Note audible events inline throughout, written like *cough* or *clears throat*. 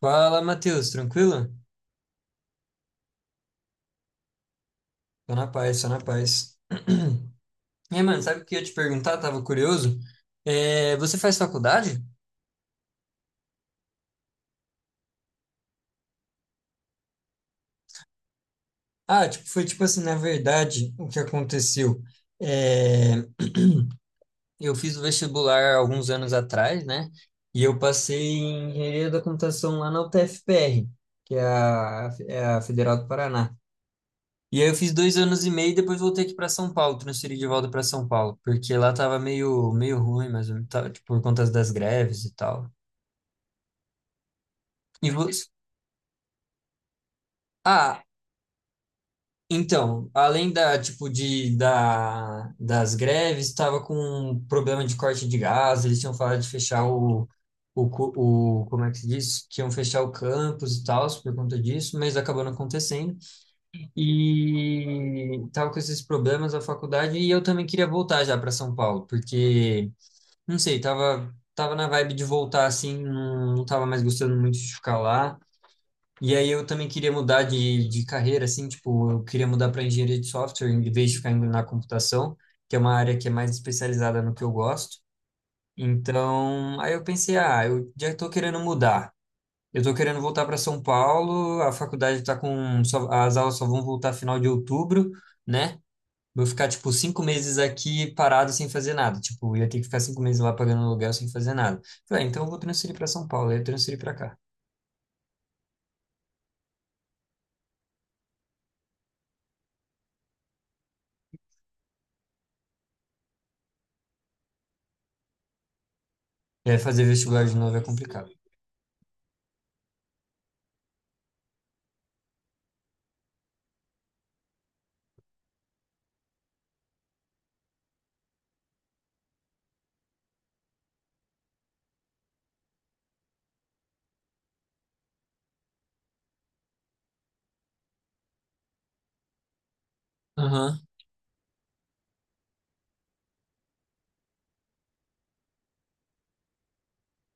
Fala, Matheus, tranquilo? Tô na paz, tô na paz. *clears throat* E aí, mano, sabe o que eu ia te perguntar? Tava curioso. É, você faz faculdade? Ah, tipo, foi tipo assim, na verdade, o que aconteceu? É, *clears throat* eu fiz o vestibular alguns anos atrás, né? E eu passei em engenharia da computação lá na UTFPR, que é a Federal do Paraná. E aí eu fiz 2 anos e meio e depois voltei aqui para São Paulo, transferi de volta para São Paulo, porque lá tava meio, meio ruim, mas tava, tipo, por conta das greves e tal. E vo- Ah, então, além da, tipo, das greves, tava com um problema de corte de gás, eles tinham falado de fechar o, como é que se diz? Que iam fechar o campus e tal, por conta disso, mas acabou não acontecendo. E tava com esses problemas a faculdade e eu também queria voltar já para São Paulo, porque não sei, tava na vibe de voltar assim, não, não tava mais gostando muito de ficar lá. E aí eu também queria mudar de carreira, assim, tipo, eu queria mudar para engenharia de software em vez de ficar indo na computação, que é uma área que é mais especializada no que eu gosto. Então, aí eu pensei, ah, eu já tô querendo mudar. Eu tô querendo voltar para São Paulo, a faculdade tá com, as aulas só vão voltar final de outubro, né? Vou ficar, tipo, 5 meses aqui parado sem fazer nada. Tipo, eu ia ter que ficar 5 meses lá pagando aluguel sem fazer nada. Falei, ah, então eu vou transferir para São Paulo, aí eu transferi para cá. E aí fazer vestibular de novo é complicado. Aham.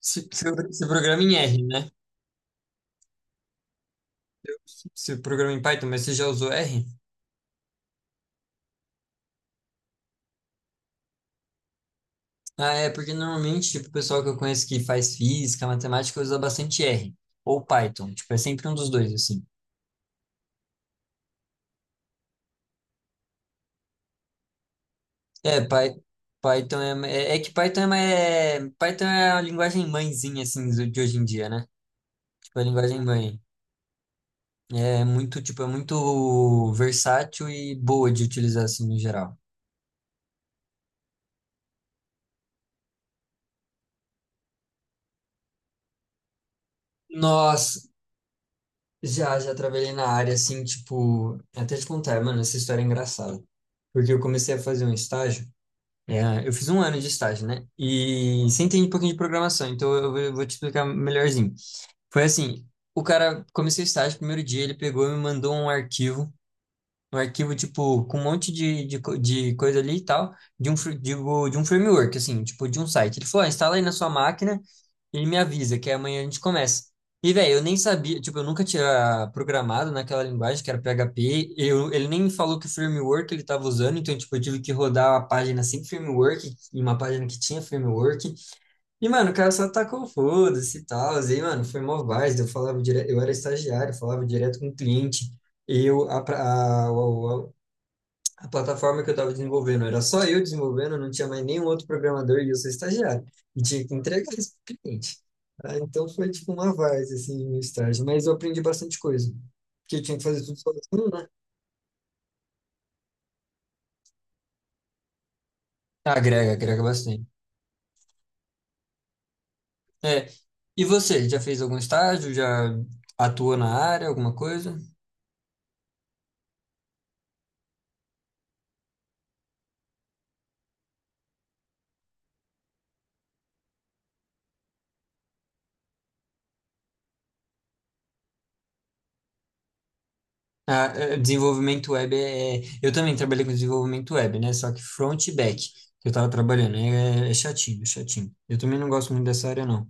Você programa em R, né? Você programa em Python, mas você já usou R? Ah, é, porque normalmente, tipo, o pessoal que eu conheço que faz física, matemática, usa bastante R. Ou Python. Tipo, é sempre um dos dois, assim. É, Python é que Python é, Python é a linguagem mãezinha, assim, de hoje em dia, né? Tipo, a linguagem mãe. É muito, tipo, é muito versátil e boa de utilizar, assim, no geral. Nós já trabalhei na área, assim, tipo, até te contar, mano, essa história é engraçada. Porque eu comecei a fazer um estágio. Eu fiz um ano de estágio, né? E você entende um pouquinho de programação, então eu vou te explicar melhorzinho. Foi assim, o cara comecei o estágio, primeiro dia ele pegou e me mandou um arquivo, tipo, com um monte de coisa ali e tal, digo, de um framework, assim, tipo, de um site. Ele falou, ah, instala aí na sua máquina, ele me avisa que amanhã a gente começa. E, velho, eu nem sabia, tipo, eu nunca tinha programado naquela linguagem que era PHP, ele nem me falou que framework ele estava usando, então, tipo, eu tive que rodar uma página sem framework, e uma página que tinha framework, e, mano, o cara só tacou foda-se e tal, e, mano, foi mó várzea, eu falava direto, eu era estagiário, falava direto com o cliente, eu, a, pra- a plataforma que eu estava desenvolvendo. Era só eu desenvolvendo, não tinha mais nenhum outro programador e eu sou estagiário. E tinha que entregar isso para o cliente. Ah, então foi tipo uma várzea, assim, no estágio. Mas eu aprendi bastante coisa. Porque eu tinha que fazer tudo sozinho, né? Ah, agrega, agrega bastante. É. E você, já fez algum estágio? Já atuou na área, alguma coisa? Ah, é, desenvolvimento web é, eu também trabalhei com desenvolvimento web, né? Só que front e back que eu tava trabalhando. É, chatinho, é chatinho. Eu também não gosto muito dessa área, não.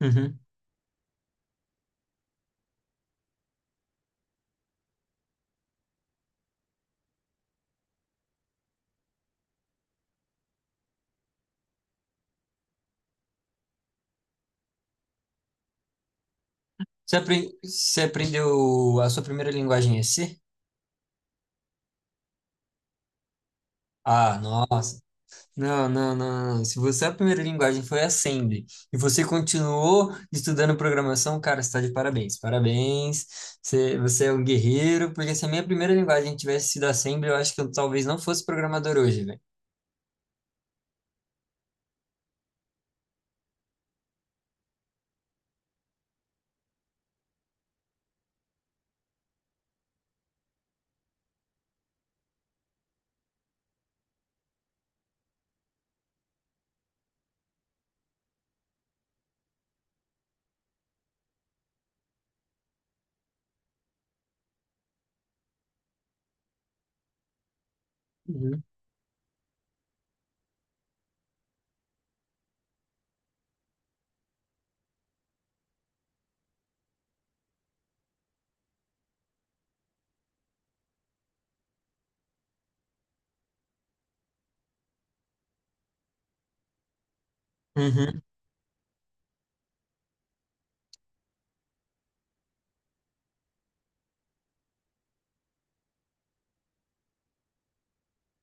Uhum. Você aprendeu a sua primeira linguagem em E C? Ah, nossa. Não, não, não, não. Se você a primeira linguagem foi Assembly e você continuou estudando programação, cara, você está de parabéns. Parabéns. Você é um guerreiro, porque se a minha primeira linguagem tivesse sido Assembly, eu acho que eu talvez não fosse programador hoje, velho. Uhum. Uhum.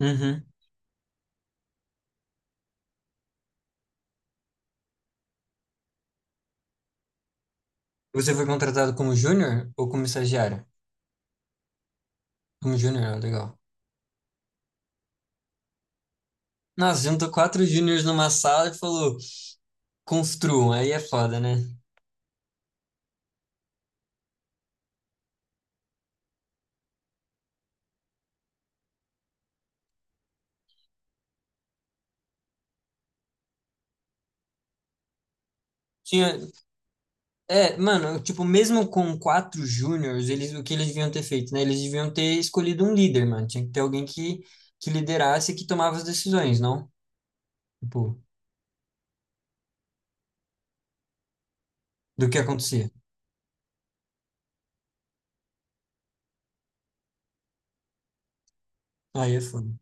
Uhum. Você foi contratado como júnior ou como estagiário? Como júnior, ó, legal. Nossa, juntou quatro júniors numa sala e falou, construam, aí é foda, né? Tinha, É, mano, tipo, mesmo com quatro júniors, eles, o que eles deviam ter feito, né? Eles deviam ter escolhido um líder, mano. Tinha que ter alguém que liderasse e que tomava as decisões, não? Tipo, do que acontecia. Aí é foda.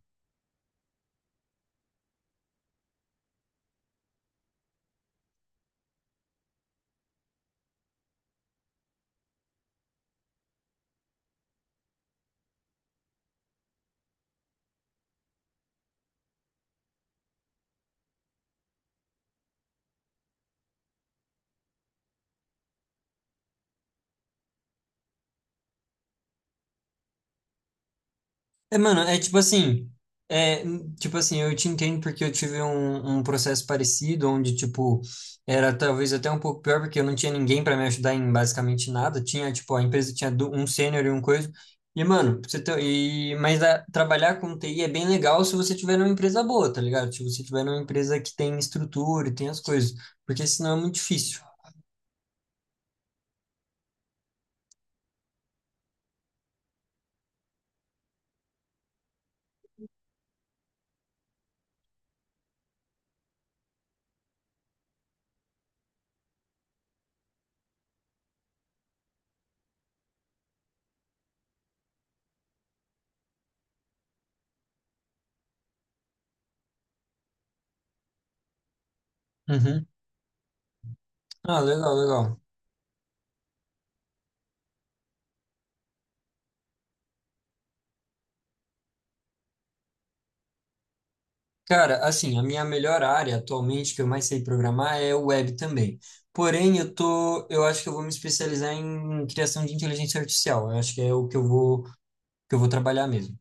É, mano, é tipo assim, eu te entendo porque eu tive um processo parecido, onde, tipo, era talvez até um pouco pior, porque eu não tinha ninguém pra me ajudar em basicamente nada, tinha, tipo, a empresa tinha um sênior e um coisa, e, mano, pra você ter, e, mas a- trabalhar com TI é bem legal se você tiver numa empresa boa, tá ligado? Se você tiver numa empresa que tem estrutura e tem as coisas, porque senão é muito difícil. Uhum. Ah, legal, legal. Cara, assim, a minha melhor área atualmente que eu mais sei programar é o web também. Porém, eu acho que eu vou me especializar em criação de inteligência artificial. Eu acho que é o que eu vou trabalhar mesmo.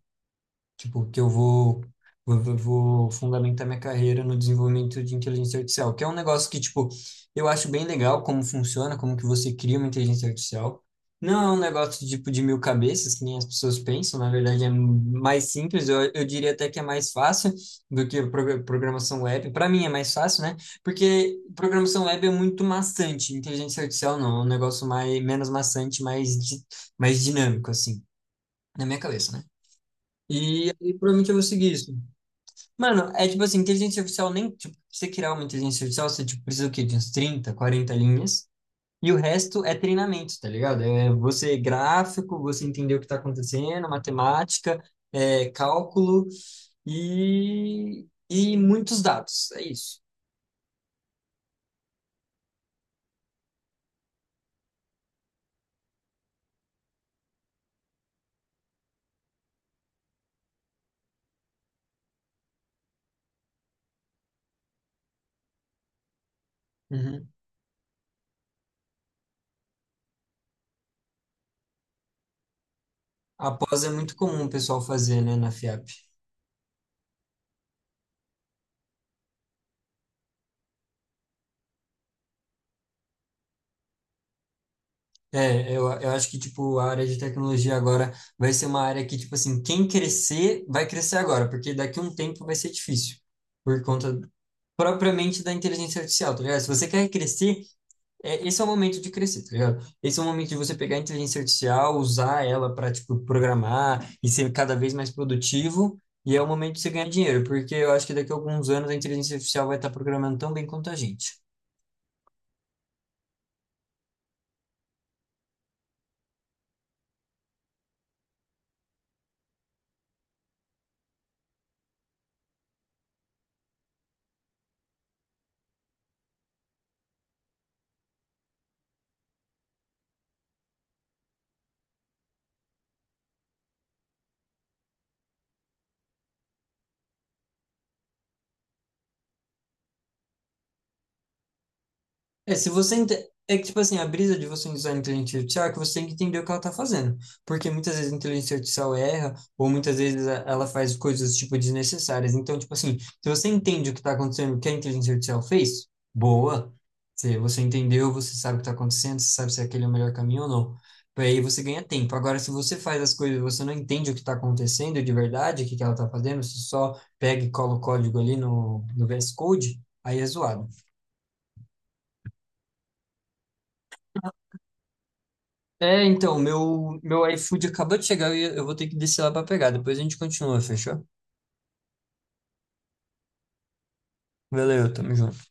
Tipo, que eu vou fundamentar minha carreira no desenvolvimento de inteligência artificial, que é um negócio que, tipo, eu acho bem legal como funciona, como que você cria uma inteligência artificial. Não é um negócio, tipo, de mil cabeças, que nem as pessoas pensam, na verdade é mais simples, eu diria até que é mais fácil do que programação web. Para mim é mais fácil, né? Porque programação web é muito maçante, inteligência artificial não, é um negócio mais, menos maçante, mais dinâmico, assim, na minha cabeça, né? E aí, provavelmente eu vou seguir isso. Mano, é tipo assim, inteligência artificial nem, tipo, pra você criar uma inteligência artificial, você, tipo, precisa o quê? De uns 30, 40 linhas. E o resto é treinamento, tá ligado? É você gráfico, você entender o que tá acontecendo, matemática, cálculo e muitos dados. É isso. Uhum. Após é muito comum o pessoal fazer, né, na FIAP. É, eu acho que, tipo, a área de tecnologia agora vai ser uma área que, tipo assim, quem crescer, vai crescer agora, porque daqui a um tempo vai ser difícil, por conta propriamente da inteligência artificial, tá ligado? Se você quer crescer, esse é o momento de crescer, tá ligado? Esse é o momento de você pegar a inteligência artificial, usar ela para, tipo, programar e ser cada vez mais produtivo, e é o momento de você ganhar dinheiro, porque eu acho que daqui a alguns anos a inteligência artificial vai estar programando tão bem quanto a gente. É, se você ente- é que tipo assim, a brisa de você usar a inteligência artificial é que você tem que entender o que ela tá fazendo, porque muitas vezes a inteligência artificial erra ou muitas vezes ela faz coisas tipo desnecessárias. Então, tipo assim, se você entende o que tá acontecendo, o que a inteligência artificial fez, boa. Se você entendeu, você sabe o que tá acontecendo, você sabe se aquele é o melhor caminho ou não. Aí você ganha tempo. Agora, se você faz as coisas e você não entende o que está acontecendo de verdade, o que que ela está fazendo, você só pega e cola o código ali no VS Code, aí é zoado. É, então, meu iFood acabou de chegar e eu vou ter que descer lá pra pegar. Depois a gente continua, fechou? Valeu, tamo junto.